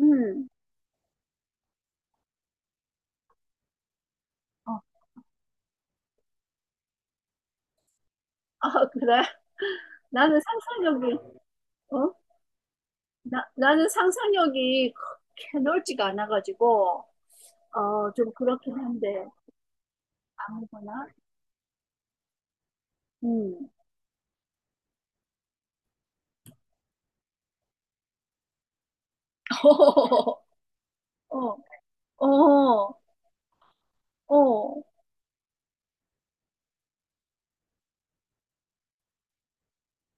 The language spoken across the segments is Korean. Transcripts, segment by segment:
음. 어. 아, 그래. 나는 상상력이, 어? 나는 상상력이 그렇게 넓지가 않아가지고, 어, 좀 그렇긴 한데, 아무거나? 음. 어, 어, 어, 어,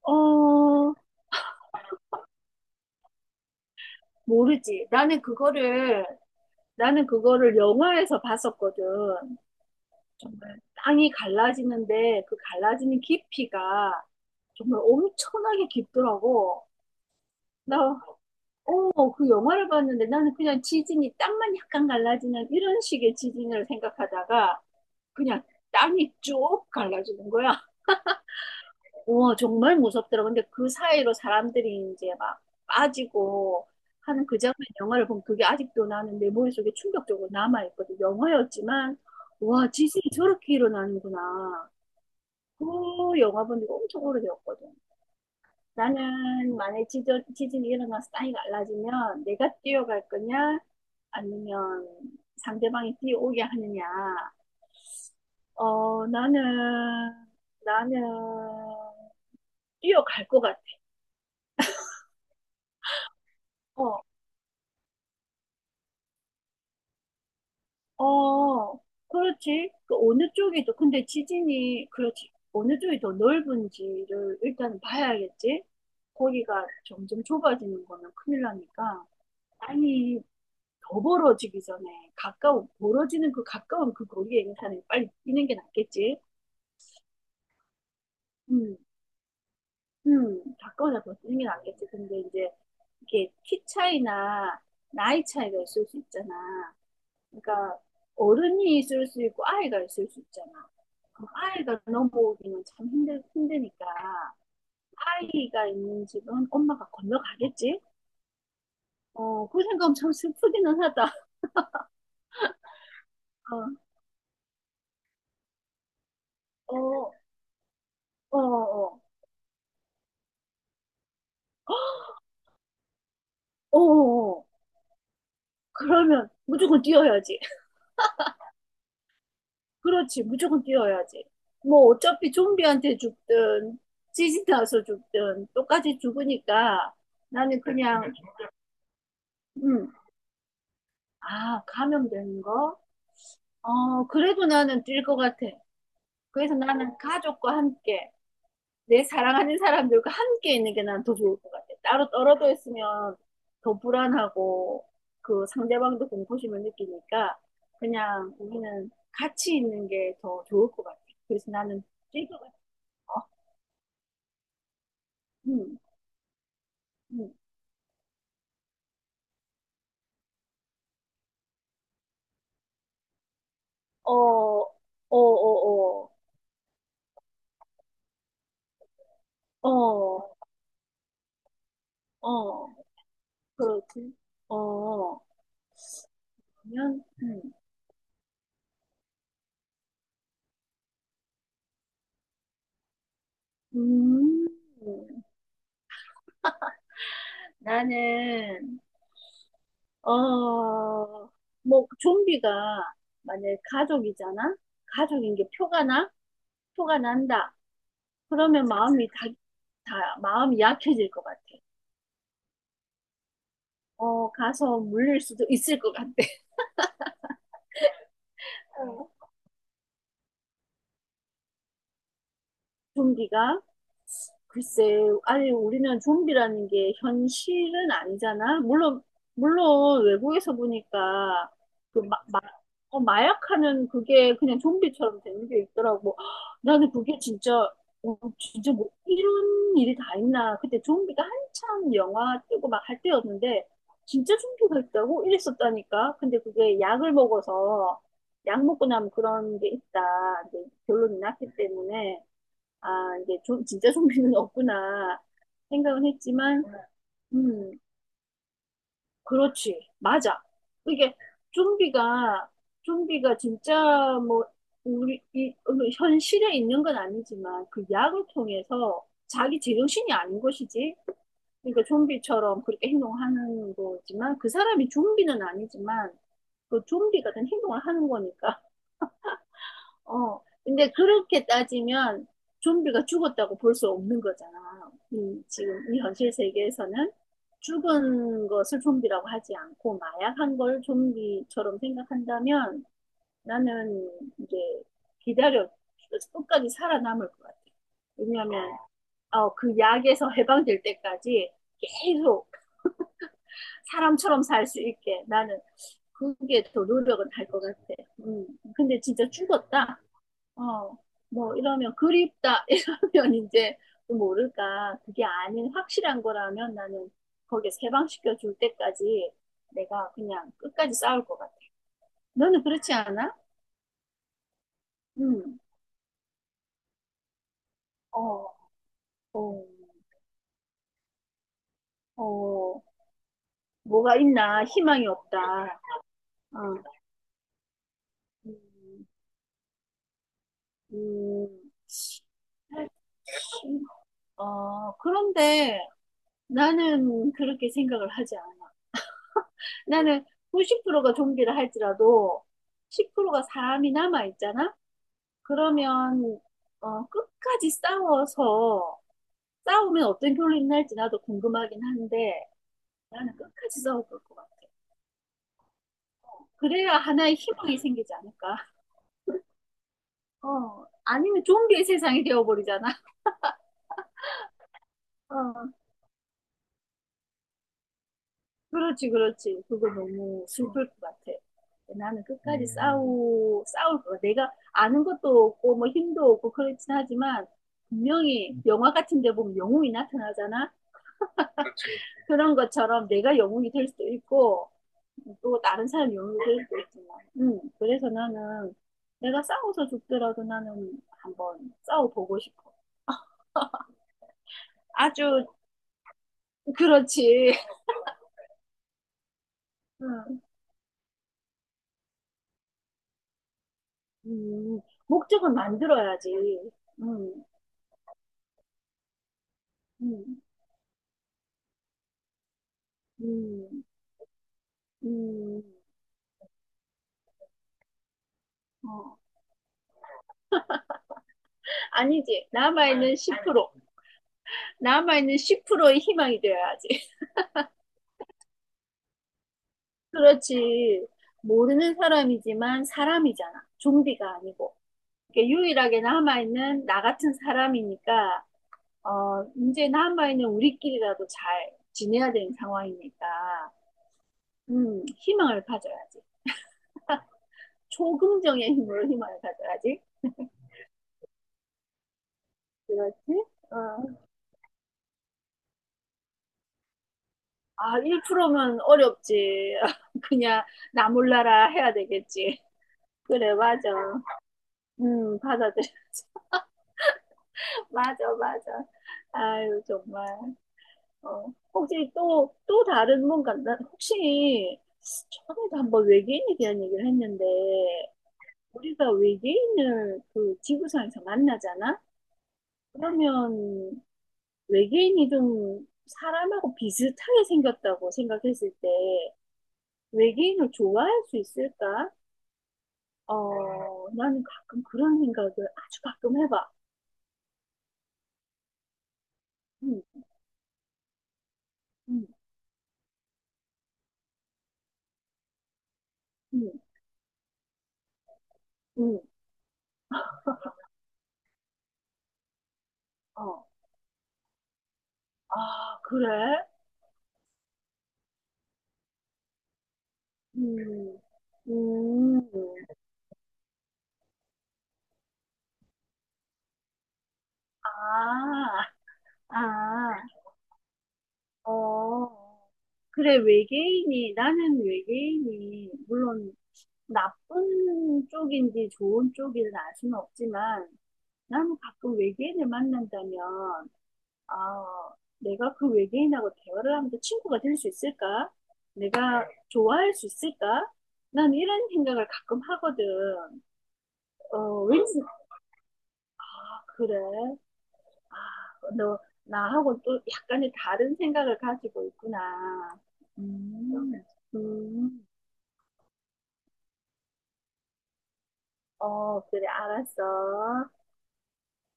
어, 모르지. 나는 그거를 영화에서 봤었거든. 정말 땅이 갈라지는데, 그 갈라지는 깊이가 정말 엄청나게 깊더라고. 나 그 영화를 봤는데 나는 그냥 지진이 땅만 약간 갈라지는 이런 식의 지진을 생각하다가 그냥 땅이 쭉 갈라지는 거야. 우와, 정말 무섭더라. 근데 그 사이로 사람들이 이제 막 빠지고 하는 그 장면 영화를 보면 그게 아직도 나는 내 머릿속에 충격적으로 남아있거든. 영화였지만, 와, 지진이 저렇게 일어나는구나. 그 영화 본 지가 엄청 오래되었거든. 나는 만약에 지 지진이 일어나서 땅이 갈라지면 내가 뛰어갈 거냐? 아니면 상대방이 뛰어오게 하느냐? 어, 나는 뛰어갈 것 같아. 어, 어, 그렇지. 그 어느 쪽이 더, 근데 지진이, 그렇지. 어느 쪽이 더 넓은지를 일단 봐야겠지. 거기가 점점 좁아지는 거는 큰일 나니까. 아니, 더 벌어지기 전에 가까운 멀어지는 그 가까운 그 거리의 는사을 빨리 뛰는 게 낫겠지. 음, 가까우나 더 뛰는 게 낫겠지. 근데 이제 이게 키 차이나 나이 차이가 있을 수 있잖아. 그러니까 어른이 있을 수 있고 아이가 있을 수 있잖아. 그럼 아이가 넘어오기는 참 힘드니까 아이가 있는 집은 엄마가 건너가겠지. 어, 그 생각하면 참 슬프기는 하다. 어, 어, 어, 어, 어, 어. 그러면 무조건 뛰어야지. 그렇지, 무조건 뛰어야지. 뭐 어차피 좀비한테 죽든 지진 나서 죽든 똑같이 죽으니까 나는 그냥 음, 아, 감염되는 거? 어, 그래도 나는 뛸 것 같아. 그래서 나는 가족과 함께 내 사랑하는 사람들과 함께 있는 게 난 더 좋을 것 같아. 따로 떨어져 있으면 더 불안하고 그 상대방도 공포심을 느끼니까 그냥 우리는 같이 있는 게 더 좋을 것 같아. 그래서 나는 즐거같어 응, 응. 어, 어, 어, 어, 어, 어, 어, 그렇지. 어, 그러면, 음, 음, 나는 어, 뭐, 좀비가 만약에 가족이잖아? 가족인 게 표가 나? 표가 난다. 그러면 마음이 약해질 것 같아. 어, 가서 물릴 수도 있을 것 같아. 어. 좀비가 글쎄, 아니, 우리는 좀비라는 게 현실은 아니잖아. 물론, 외국에서 보니까, 그, 마, 마, 마약하는 그게 그냥 좀비처럼 되는 게 있더라고. 헉, 나는 그게 진짜 뭐, 이런 일이 다 있나. 그때 좀비가 한참 영화 뜨고 막 할 때였는데, 진짜 좀비가 있다고? 이랬었다니까. 근데 그게 약을 먹어서, 약 먹고 나면 그런 게 있다. 이제 결론이 났기 때문에. 아, 이게 좀 진짜 좀비는 없구나 생각은 했지만, 음, 그렇지. 맞아. 이게 좀비가, 좀비가 진짜 뭐, 우리, 이, 어, 현실에 있는 건 아니지만, 그 약을 통해서 자기 제정신이 아닌 것이지. 그러니까 좀비처럼 그렇게 행동하는 거지만, 그 사람이 좀비는 아니지만, 그 좀비 같은 행동을 하는 거니까. 어, 근데 그렇게 따지면 좀비가 죽었다고 볼 수 없는 거잖아. 지금 이 현실 세계에서는 죽은 것을 좀비라고 하지 않고 마약한 걸 좀비처럼 생각한다면 나는 이제 기다려 끝까지 살아남을 것 같아. 왜냐하면 그 약에서 해방될 때까지 계속 사람처럼 살 수 있게 나는 그게 더 노력은 할 것 같아. 음. 근데 진짜 죽었다. 어, 뭐 이러면 그립다 이러면 이제 또 모를까 그게 아닌 확실한 거라면 나는 거기에 해방시켜 줄 때까지 내가 그냥 끝까지 싸울 것 같아. 너는 그렇지 않아? 응. 어, 어, 어, 뭐가 있나? 희망이 없다. 어, 음, 음, 어, 그런데 나는 그렇게 생각을 하지 않아. 나는 90%가 좀비를 할지라도 10%가 사람이 남아 있잖아? 그러면 끝까지 싸워서 싸우면 어떤 결론이 날지 나도 궁금하긴 한데 나는 끝까지 싸워볼 것 같아. 그래야 하나의 희망이 생기지 않을까? 어, 아니면 좀비의 세상이 되어버리잖아. 어. 그렇지, 그렇지. 그거 너무 슬플 것 같아. 나는 끝까지 싸울 거야. 내가 아는 것도 없고, 뭐 힘도 없고, 그렇긴 하지만, 분명히 영화 같은 데 보면 영웅이 나타나잖아? 그런 것처럼 내가 영웅이 될 수도 있고, 또 다른 사람 영웅이 될 수도 있지만. 그래서 나는 내가 싸워서 죽더라도 나는 한번 싸워보고 싶어. 아주, 그렇지. 음, 음, 목적은 만들어야지. 음, 음, 음. 음, 어. 아니지. 남아있는 10%. 남아있는 10%의 희망이 되어야지. 그렇지. 모르는 사람이지만 사람이잖아. 좀비가 아니고. 이렇게 유일하게 남아있는 나 같은 사람이니까, 이제 남아있는 우리끼리라도 잘 지내야 되는 상황이니까, 희망을 가져야지. 초긍정의 힘으로 희망을 가져야지. 그렇지? 어. 아, 1%면 어렵지. 그냥 나 몰라라 해야 되겠지. 그래, 맞아. 받아들여. 맞아, 맞아. 아유, 정말. 어. 혹시 또 다른 뭔가, 난 혹시 처음에도 한번 외계인에 대한 얘기를 했는데, 우리가 외계인을 그 지구상에서 만나잖아? 그러면 외계인이 좀 사람하고 비슷하게 생겼다고 생각했을 때, 외계인을 좋아할 수 있을까? 어, 나는 가끔 그런 생각을 아주 가끔 해봐. 응, 응, 응, 응, 어. 아, 그래? 음, 음, 아, 아, 어. 그래, 나는 외계인이, 물론 나쁜 쪽인지 좋은 쪽인지 알 수는 없지만, 나는 가끔 외계인을 만난다면, 아, 내가 그 외계인하고 대화를 하면서 친구가 될 수 있을까? 내가 좋아할 수 있을까? 난 이런 생각을 가끔 하거든. 어, 왠지, 아, 그래. 아, 너 나하고 또 약간의 다른 생각을 가지고 있구나. 음, 음, 어, 그래, 알았어.